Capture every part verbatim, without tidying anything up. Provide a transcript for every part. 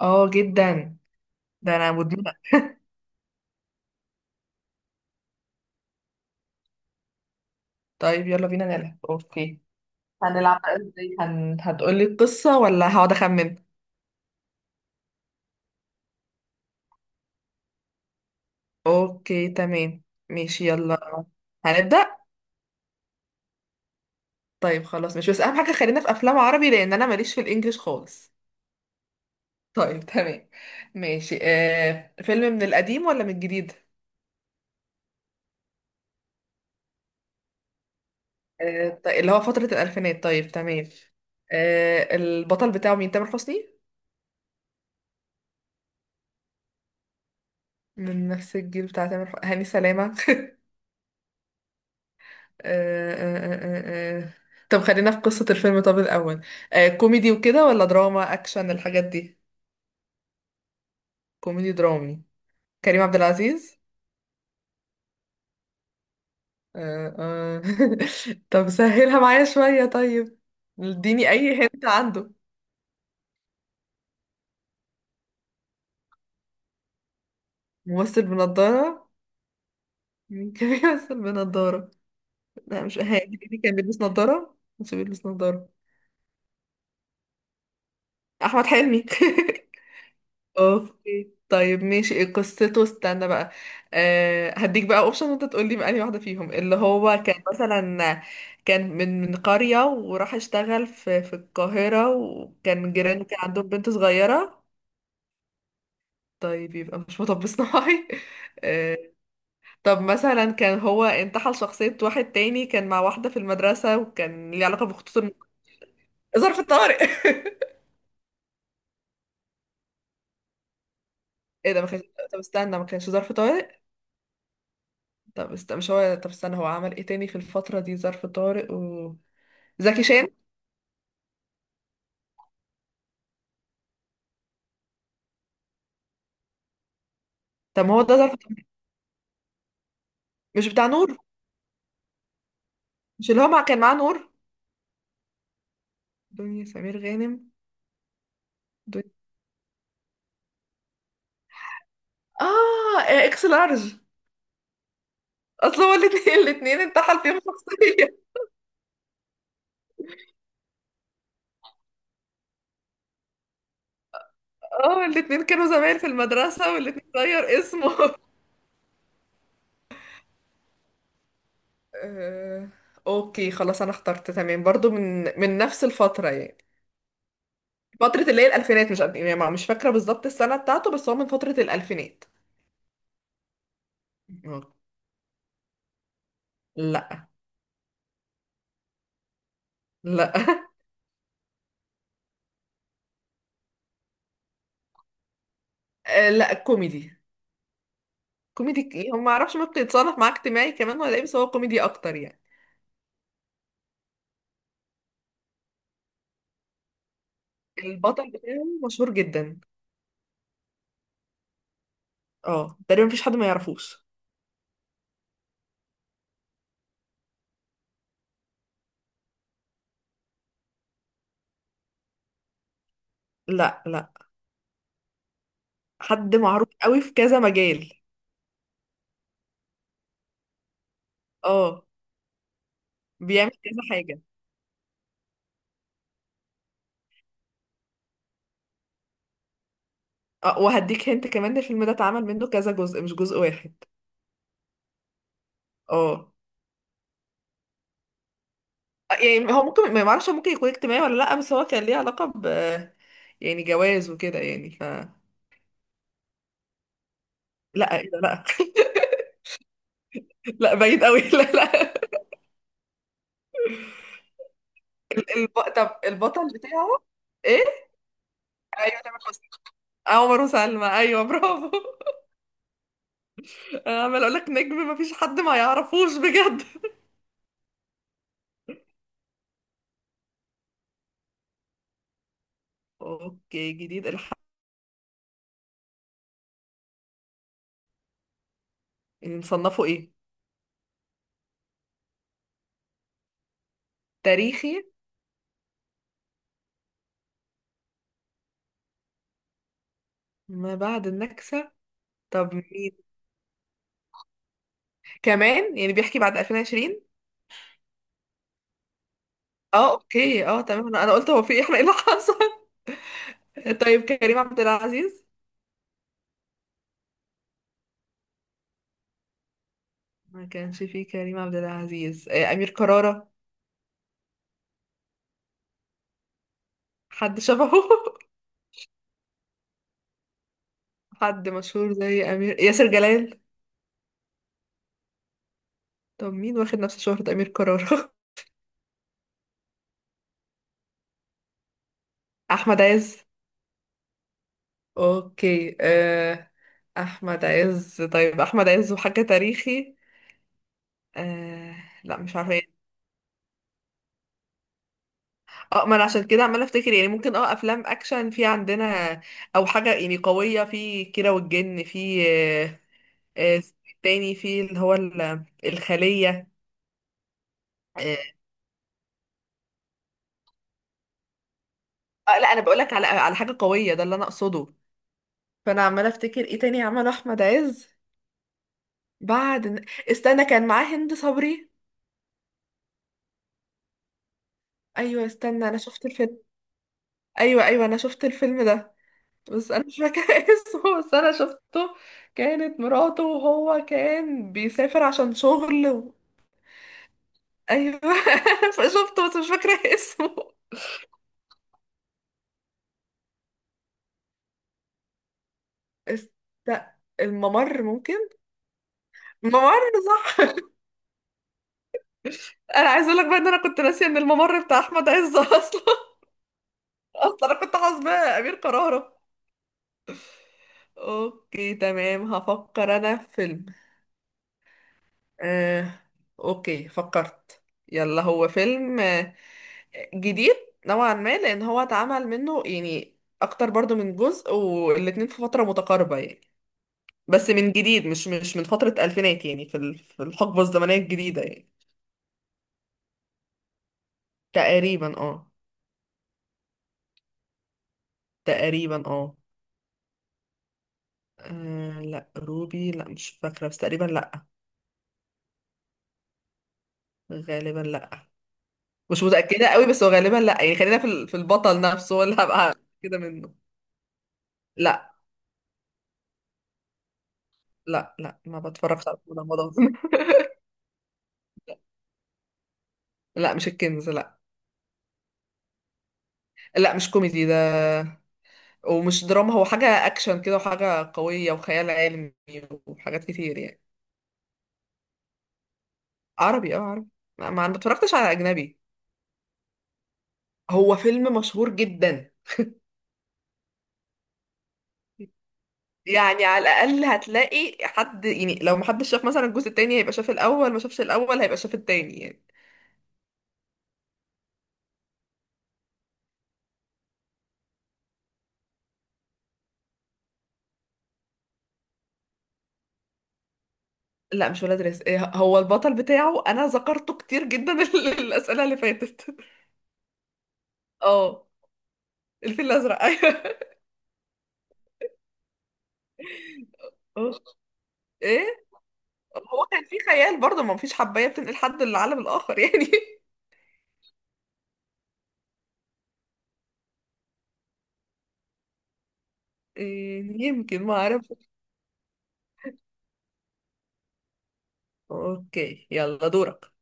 اه جدا. ده انا مدمنة. طيب يلا بينا نلعب. اوكي، هنلعب بقى ازاي هن... هتقولي القصة ولا هقعد اخمن؟ اوكي تمام، ماشي يلا، هنبدأ. طيب خلاص، مش بس اهم حاجة خلينا في افلام عربي لان انا ماليش في الانجليش خالص. طيب تمام ماشي. آه... فيلم من القديم ولا من الجديد؟ آه... ط- اللي هو فترة الالفينات، طيب تمام. آه... البطل بتاعه مين، تامر حسني؟ من نفس الجيل بتاع تامر حسني، هاني سلامة؟ آه، آه، آه، آه. آه، آه. طب خلينا في قصة الفيلم طب الأول. آه، كوميدي وكده ولا دراما أكشن الحاجات دي؟ كوميدي درامي. كريم عبد العزيز؟ آه، آه. طب سهلها معايا شوية طيب، اديني أي هنت عنده. ممثل بنضارة؟ مين كان بيمثل بنضارة؟ لا مش هادي، كان بيلبس نضارة مش بيلبس نضارة؟ أحمد حلمي؟ اوكي طيب ماشي، إيه قصته؟ استنى بقى، أه هديك بقى اوبشن وانت تقول لي بقى أنهي واحده فيهم اللي هو كان مثلا. كان من من قريه وراح اشتغل في في القاهره، وكان جيرانه كان عندهم بنت صغيره؟ طيب يبقى مش مطب صناعي. أه. طب مثلا كان هو انتحل شخصيه واحد تاني، كان مع واحده في المدرسه وكان ليه علاقه بخطوط الم- ظرف طارق؟ ايه ده ما كانش؟ طب استنى، ما كانش ظرف طارق؟ طب است... مش هو، طب استنى، هو عمل ايه تاني في الفترة دي؟ ظرف طارق و زكي شان؟ طب ما هو ده ظرف طارق. مش بتاع نور؟ مش اللي هو مع... كان معاه نور؟ دنيا سمير غانم. دنيا... اه، اكس لارج. اصل هو الاتنين، الاتنين انتحل فيهم شخصية. اه الاتنين كانوا زمايل في المدرسة والاتنين غير اسمه. آه، اوكي خلاص انا اخترت تمام، برضو من من نفس الفترة يعني. فترة اللي هي الألفينات، مش قد- يعني مش فاكرة بالظبط السنة بتاعته، بس هو من فترة الألفينات. أوكي. لا. لا. آه لا، كوميدي. كوميدي ك- يعني ما اعرفش ممكن يتصنف معاه اجتماعي كمان ولا ايه، بس هو كوميدي اكتر يعني. البطل بتاعه مشهور جدا. اه تقريبا مفيش حد ما يعرفوش. لا، لا، حد معروف قوي في كذا مجال. اه، بيعمل كذا حاجة. اه وهديك هنت كمان، الفيلم ده اتعمل منه كذا جزء، مش جزء واحد. اه. يعني هو ممكن، ما معرفش، ممكن يكون اجتماعي ولا لا، بس هو كان ليه علاقة ب، يعني جواز وكده يعني ف. لا إيه ده؟ لا. لا بعيد قوي. لا، لا. الب... طب البطل بتاعه؟ ايه، ايوه تامر حسني. أه، عمر وسلمى، ايوه برافو. انا عمال اقول لك نجم ما فيش حد ما يعرفوش بجد. اوكي جديد، الحق. نصنفه ايه؟ تاريخي. ما بعد النكسة. طب مين؟ كمان يعني بيحكي بعد ألفين وعشرين؟ اه اوكي، اه تمام، انا أنا قلت هو في إيه؟ احنا ايه اللي حصل؟ طيب كريم عبد العزيز. ما كانش فيه كريم عبد العزيز. آه، امير كرارة. حد شبهه؟ حد مشهور زي امير، ياسر جلال؟ طب مين واخد نفس شهرة أمير كرارة؟ احمد عز. اوكي آه، احمد عز. طيب احمد عز وحاجة تاريخي؟ آه، لا مش عارفة ايه. اه ما انا عشان كده عمالة افتكر، يعني ممكن اه افلام اكشن في عندنا، او حاجة يعني قوية في كيرة والجن في. آه، آه، تاني في اللي هو ال- الخلية. آه، آه، لا انا بقولك على على حاجة قوية ده اللي انا اقصده. فانا عمالة افتكر ايه تاني عمله احمد عز بعد؟ استنى، كان معاه هند صبري. ايوه، استنى، انا شفت الفيلم. ايوه، ايوه، انا شفت الفيلم ده. بس انا مش فاكره اسمه، بس انا شفته. كانت مراته، وهو كان بيسافر عشان شغل و. ايوه. فشفته بس مش فاكره اسمه. است... الممر ممكن؟ الممر. صح. انا عايزه اقول لك بقى ان انا كنت ناسيه ان الممر بتاع احمد عز اصلا. اصلا انا كنت حاسباه امير كرارة. اوكي تمام، هفكر انا في فيلم. آه... اوكي فكرت. يلا، هو فيلم جديد نوعا ما، لان هو اتعمل منه يعني اكتر برضو من جزء، والاتنين في فترة متقاربة يعني. بس من جديد، مش مش من فترة الفينات يعني، في ال- في الحقبة الزمنية الجديدة يعني. تقريبا اه. تقريبا اه. آه، لا روبي لا، مش فاكرة بس تقريبا لا. غالبا لا. مش متأكدة قوي بس هو غالبا لا، يعني خلينا في ال- في البطل نفسه هو اللي هبقى كده منه. لا. لا، لا ما بتفرجش على رمضان. لا مش الكنز، لا. لا مش كوميدي ده، ومش دراما، هو حاجة أكشن كده وحاجة قوية وخيال علمي وحاجات كتير يعني. عربي اه، عربي. ما ما- ما اتفرجتش على أجنبي. هو فيلم مشهور جدا. يعني على الأقل هتلاقي حد يعني، لو محدش شاف مثلا الجزء التاني هيبقى شاف الأول، ما شافش الأول هيبقى شاف التاني يعني. لا مش ولاد رزق. إيه، هو البطل بتاعه أنا ذكرته كتير جدا الأسئلة اللي فاتت. اه الفيل الأزرق، أيوه. أوه. ايه. هو كان في خيال برضه، ما فيش حباية بتنقل حد للعالم الآخر يعني؟ إيه، يمكن ما اعرف. اوكي يلا دورك.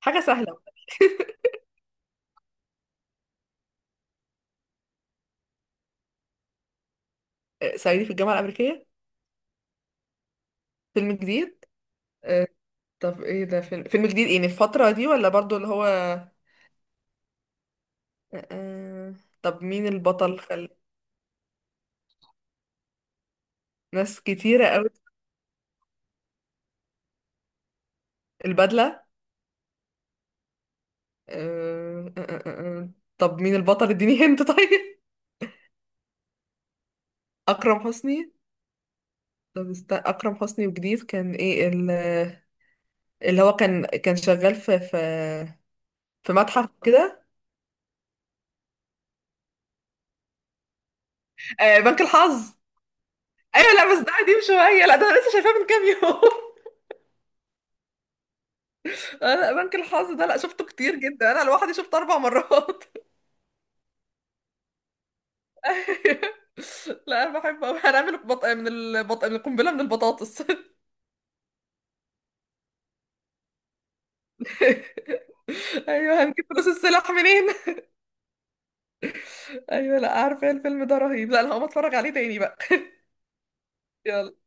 حاجة سهلة. إيه، صعيدي في الجامعة الأمريكية؟ فيلم جديد. إيه، طب ايه ده؟ فيلم فيلم جديد، ايه الفترة دي ولا برضو اللي هو آه، آه،؟ طب مين البطل؟ خل... ناس كتيرة قوي؟ البدلة؟ إيه، آه، آه، آه، آه. طب مين البطل اديني هنت طيب. أكرم حسني. طب است... أكرم حسني وجديد، كان ايه ال- اللي هو كان كان شغال في في في متحف كده؟ آه، بنك الحظ. ايوه لا، بس ده قديم شويه، لا ده انا لسه شايفاه من كام يوم. انا بنك الحظ ده لا، شفته كتير جدا، انا لوحدي شفته اربع مرات. لا انا بحب أوي. هنعمل بط... من البط... من القنبله، من البطاطس. ايوه هنجيب فلوس السلاح منين. ايوه لا، عارفه إيه الفيلم ده رهيب، لا انا هقوم اتفرج عليه تاني بقى. يلا.